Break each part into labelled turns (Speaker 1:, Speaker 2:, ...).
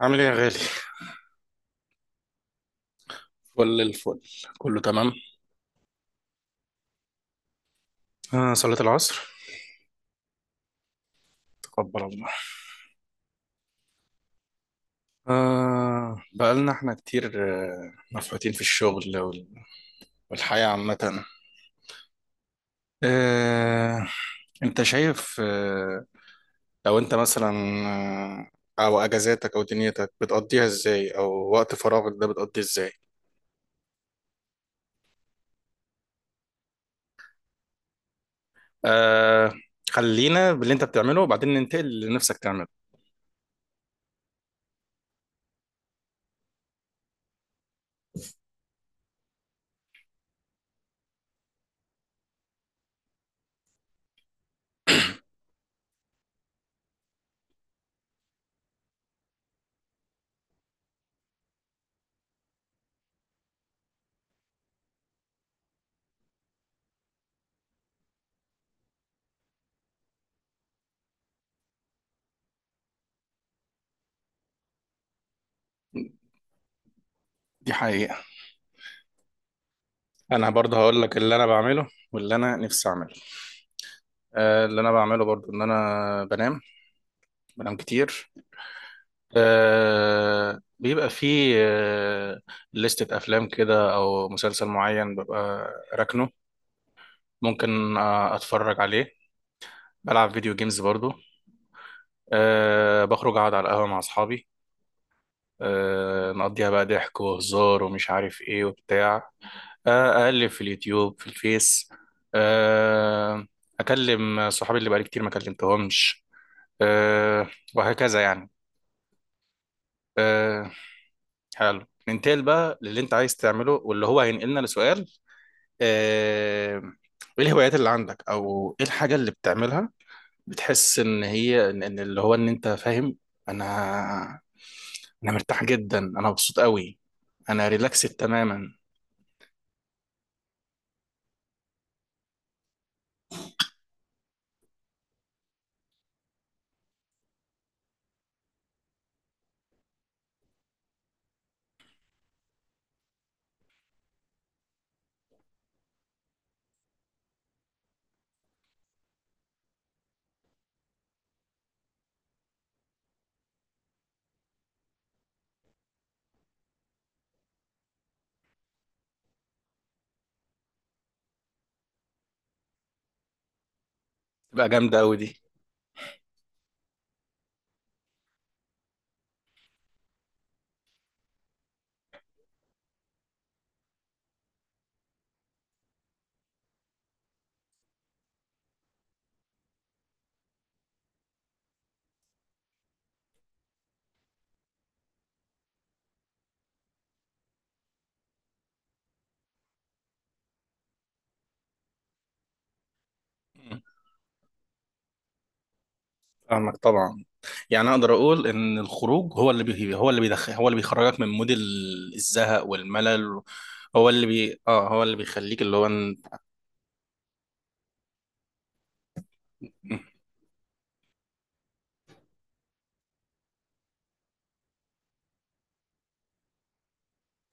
Speaker 1: عامل ايه يا غالي؟ فل الفل. كله تمام. صلاة العصر. تقبل الله. بقالنا احنا كتير، مفحوتين في الشغل والحياة عامة. آه انت شايف. لو انت مثلا، او اجازاتك او دنيتك بتقضيها ازاي، او وقت فراغك ده بتقضيه ازاي؟ آه خلينا باللي انت بتعمله وبعدين ننتقل للي نفسك تعمله. دي حقيقة. انا برضه هقول لك اللي انا بعمله واللي انا نفسي اعمله. اللي انا بعمله برضو ان انا بنام. بنام كتير. بيبقى فيه لستة افلام كده او مسلسل معين ببقى راكنه، ممكن اتفرج عليه. بلعب فيديو جيمز برضو. بخرج اقعد على القهوة مع اصحابي، نقضيها بقى ضحك وهزار ومش عارف ايه وبتاع. اقلب في اليوتيوب، في الفيس. آه، اكلم صحابي اللي بقالي كتير ما كلمتهمش، آه، وهكذا يعني. آه، حلو. ننتقل بقى للي انت عايز تعمله واللي هو هينقلنا لسؤال. آه، ايه الهوايات اللي عندك، او ايه الحاجة اللي بتعملها بتحس ان هي إن اللي هو ان انت فاهم. انا انا مرتاح جدا، انا مبسوط قوي. انا ريلاكسد تماما. تبقى جامدة قوي دي. مم. فاهمك طبعا. يعني اقدر اقول ان الخروج هو اللي بيخرجك من مود الزهق والملل. هو اللي بيخليك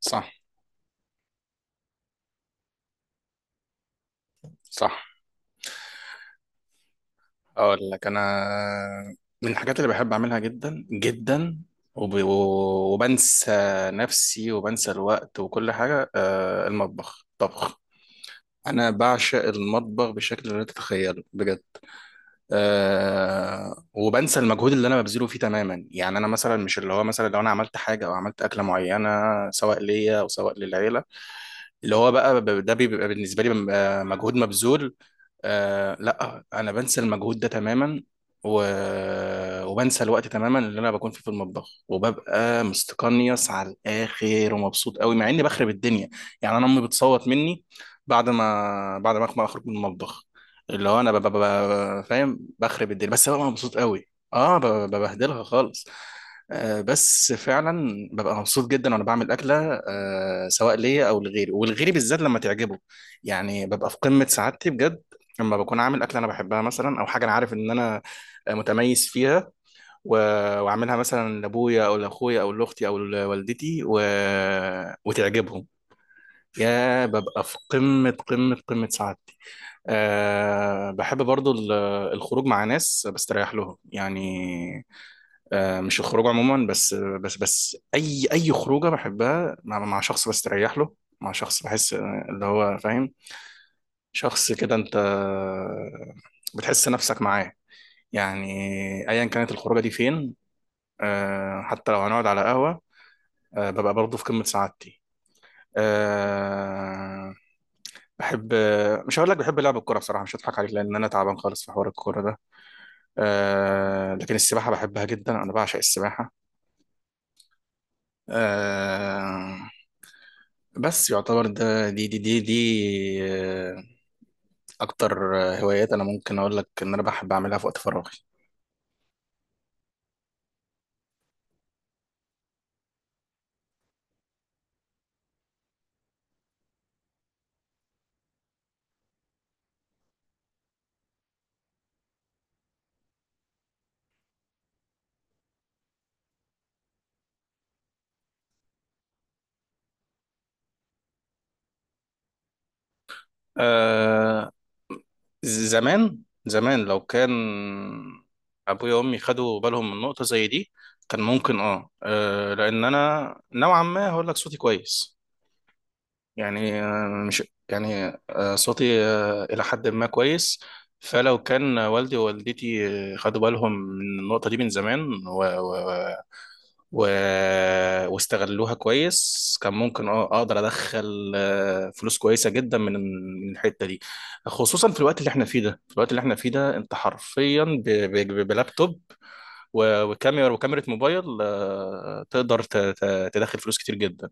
Speaker 1: صح، صح. اقول لك انا، من الحاجات اللي بحب اعملها جدا جدا وبنسى نفسي وبنسى الوقت وكل حاجه، المطبخ، طبخ. انا بعشق المطبخ بشكل لا تتخيله بجد. وبنسى المجهود اللي انا ببذله فيه تماما. يعني انا مثلا مش اللي هو، مثلا لو انا عملت حاجه او عملت اكله معينه سواء ليا او سواء للعيله، اللي هو بقى ب- ده بيبقى بالنسبه لي بيبقى مجهود مبذول. لا، انا بنسى المجهود ده تماما، و... وبنسى الوقت تماما اللي انا بكون فيه في المطبخ، وببقى مستقنيص على الاخر ومبسوط قوي مع اني بخرب الدنيا. يعني انا امي بتصوت مني بعد ما ما اخرج من المطبخ، اللي هو انا ببقى فاهم بخرب الدنيا بس ببقى مبسوط قوي. اه، ببهدلها خالص. بس فعلا ببقى مبسوط جدا وانا بعمل اكله، سواء ليا او لغيري، ولغيري بالذات لما تعجبه. يعني ببقى في قمه سعادتي بجد. لما بكون عامل اكله انا بحبها مثلا، او حاجه انا عارف ان انا متميز فيها، و... واعملها مثلا لابويا او لاخويا او لاختي او لوالدتي وتعجبهم، يا ببقى في قمه قمه قمه سعادتي. بحب برضو الخروج مع ناس بستريح لهم يعني. مش الخروج عموما، بس اي خروجه بحبها مع شخص بستريح له، مع شخص بحس اللي هو فاهم، شخص كده انت بتحس نفسك معاه يعني، ايا كانت الخروجه دي فين. حتى لو هنقعد على قهوه، ببقى برضه في قمه سعادتي. آه، بحب، مش هقول لك بحب لعب الكوره بصراحه، مش هضحك عليك لان انا تعبان خالص في حوار الكوره ده. لكن السباحه بحبها جدا، انا بعشق السباحه. آه، بس يعتبر ده دي، آه، اكتر هوايات انا ممكن اقول لك ان انا بحب اعملها في وقت فراغي. آه، زمان زمان، لو كان ابويا وامي خدوا بالهم من نقطة زي دي، كان ممكن لان انا نوعا ما هقول لك صوتي كويس. يعني مش. يعني صوتي الى حد ما كويس. فلو كان والدي ووالدتي خدوا بالهم من النقطة دي من زمان، و... واستغلوها كويس، كان ممكن اقدر ادخل فلوس كويسه جدا من الحته دي. خصوصا في الوقت اللي احنا فيه ده، انت حرفيا بلابتوب وكاميرا موبايل، تقدر تدخل فلوس كتير جدا.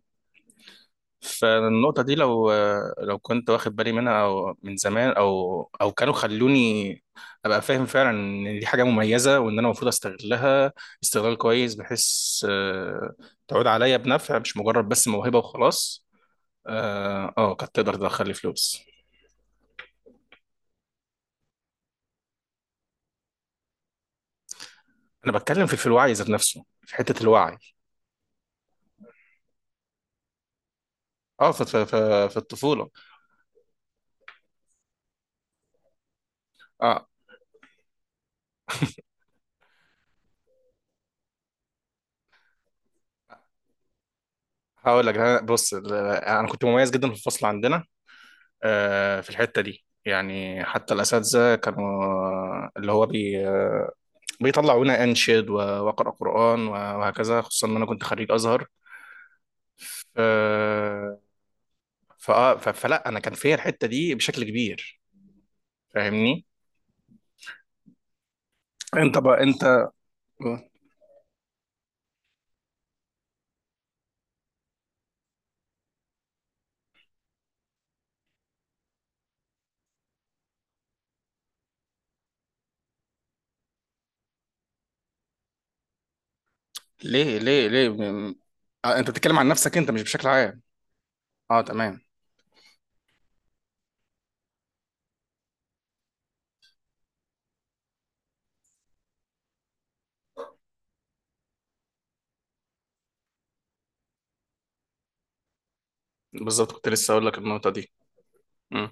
Speaker 1: فالنقطة دي، لو كنت واخد بالي منها أو من زمان، أو كانوا خلوني أبقى فاهم فعلا إن دي حاجة مميزة، وإن أنا المفروض أستغلها استغلال كويس بحيث آه، تعود عليا بنفع، مش مجرد بس موهبة وخلاص. كانت تقدر تدخل لي فلوس. أنا بتكلم في الوعي ذات نفسه، في حتة الوعي. في الطفولة. أه هقول لك، بص أنا كنت مميز جدا في الفصل عندنا، في الحتة دي. يعني حتى الأساتذة كانوا، اللي هو بي بيطلعونا أنشد وأقرأ قرآن وهكذا، خصوصا إن أنا كنت خريج أزهر. ف... فلا، أنا كان فيا الحتة دي بشكل كبير. فاهمني؟ أنت بقى أنت. ليه ليه ليه أنت بتتكلم عن نفسك أنت، مش بشكل عام. تمام. بالظبط، كنت لسه أقول لك النقطة دي. مم.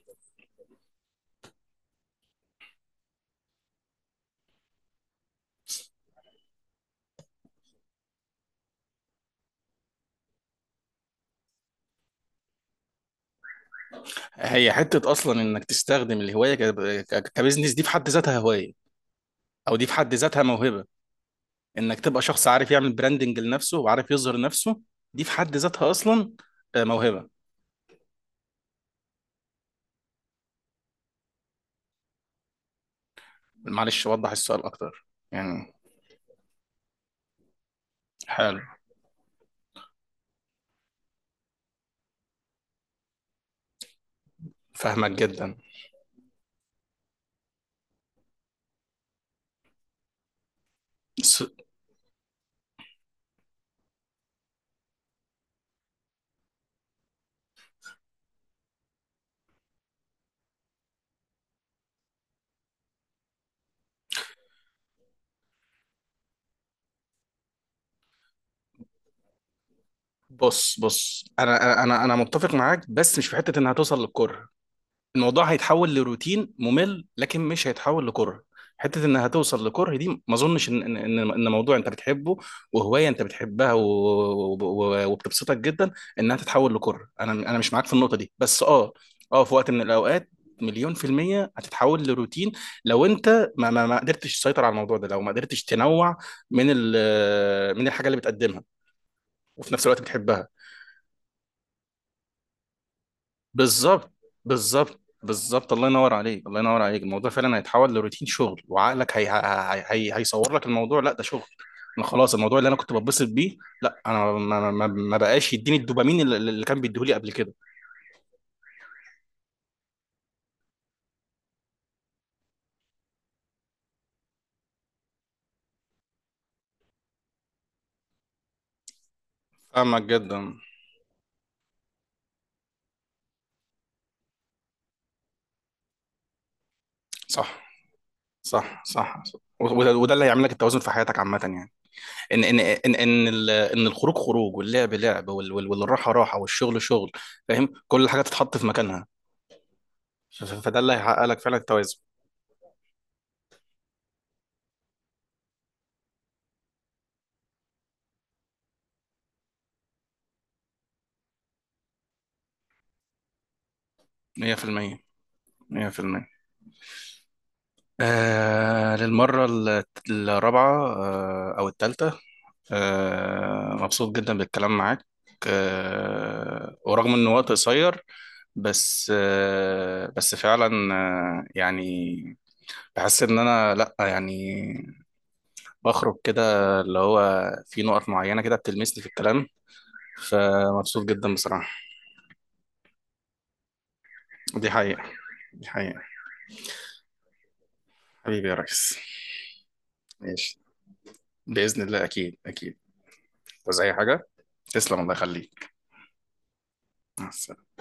Speaker 1: هي حتة أصلا، إنك تستخدم الهواية كبزنس، دي في حد ذاتها هواية، أو دي في حد ذاتها موهبة. انك تبقى شخص عارف يعمل براندنج لنفسه وعارف يظهر نفسه، دي في حد ذاتها اصلا، موهبة. معلش وضح السؤال اكتر، يعني. حلو. فاهمك جدا. س- بص بص، انا انا انا أنا متفق معاك، بس مش في حتة انها توصل للكره. الموضوع هيتحول لروتين ممل، لكن مش هيتحول لكره. حته انها توصل لكره، دي ما اظنش ان ان ان إن موضوع انت بتحبه، وهوايه انت بتحبها وبتبسطك جدا، انها تتحول لكره، انا مش معاك في النقطه دي. بس اه، اه في وقت من الاوقات، مليون في المية هتتحول لروتين لو انت ما قدرتش تسيطر على الموضوع ده، لو ما قدرتش تنوع من من الحاجة اللي بتقدمها، وفي نفس الوقت بتحبها. بالظبط بالظبط، الله ينور عليك، الله ينور عليك. الموضوع فعلا هيتحول لروتين شغل، وعقلك هيصور لك الموضوع، لا ده شغل، انا خلاص. الموضوع اللي انا كنت بتبسط بيه، لا انا ما بقاش يديني الدوبامين اللي كان بيديهولي قبل كده. فاهمك جدا. صح، صح، صح. وده اللي هيعمل لك التوازن في حياتك عامة، يعني ان الخروج خروج، واللعب لعب، والراحة راحة، والشغل شغل. فاهم؟ كل حاجة تتحط في مكانها، فده اللي هيحقق لك فعلا التوازن. 100%. 100%. للمرة الرابعة، أو الثالثة. مبسوط جدا بالكلام معاك، ورغم إن وقت قصير، بس بس فعلا، يعني بحس إن أنا لأ، يعني بخرج كده اللي هو، في نقط معينة كده بتلمسني في الكلام، فمبسوط جدا بصراحة. دي حقيقة. دي حقيقة. حبيبي يا ريس. ماشي. بإذن الله، أكيد أكيد. وزي أي حاجة. تسلم، الله يخليك. مع السلامة.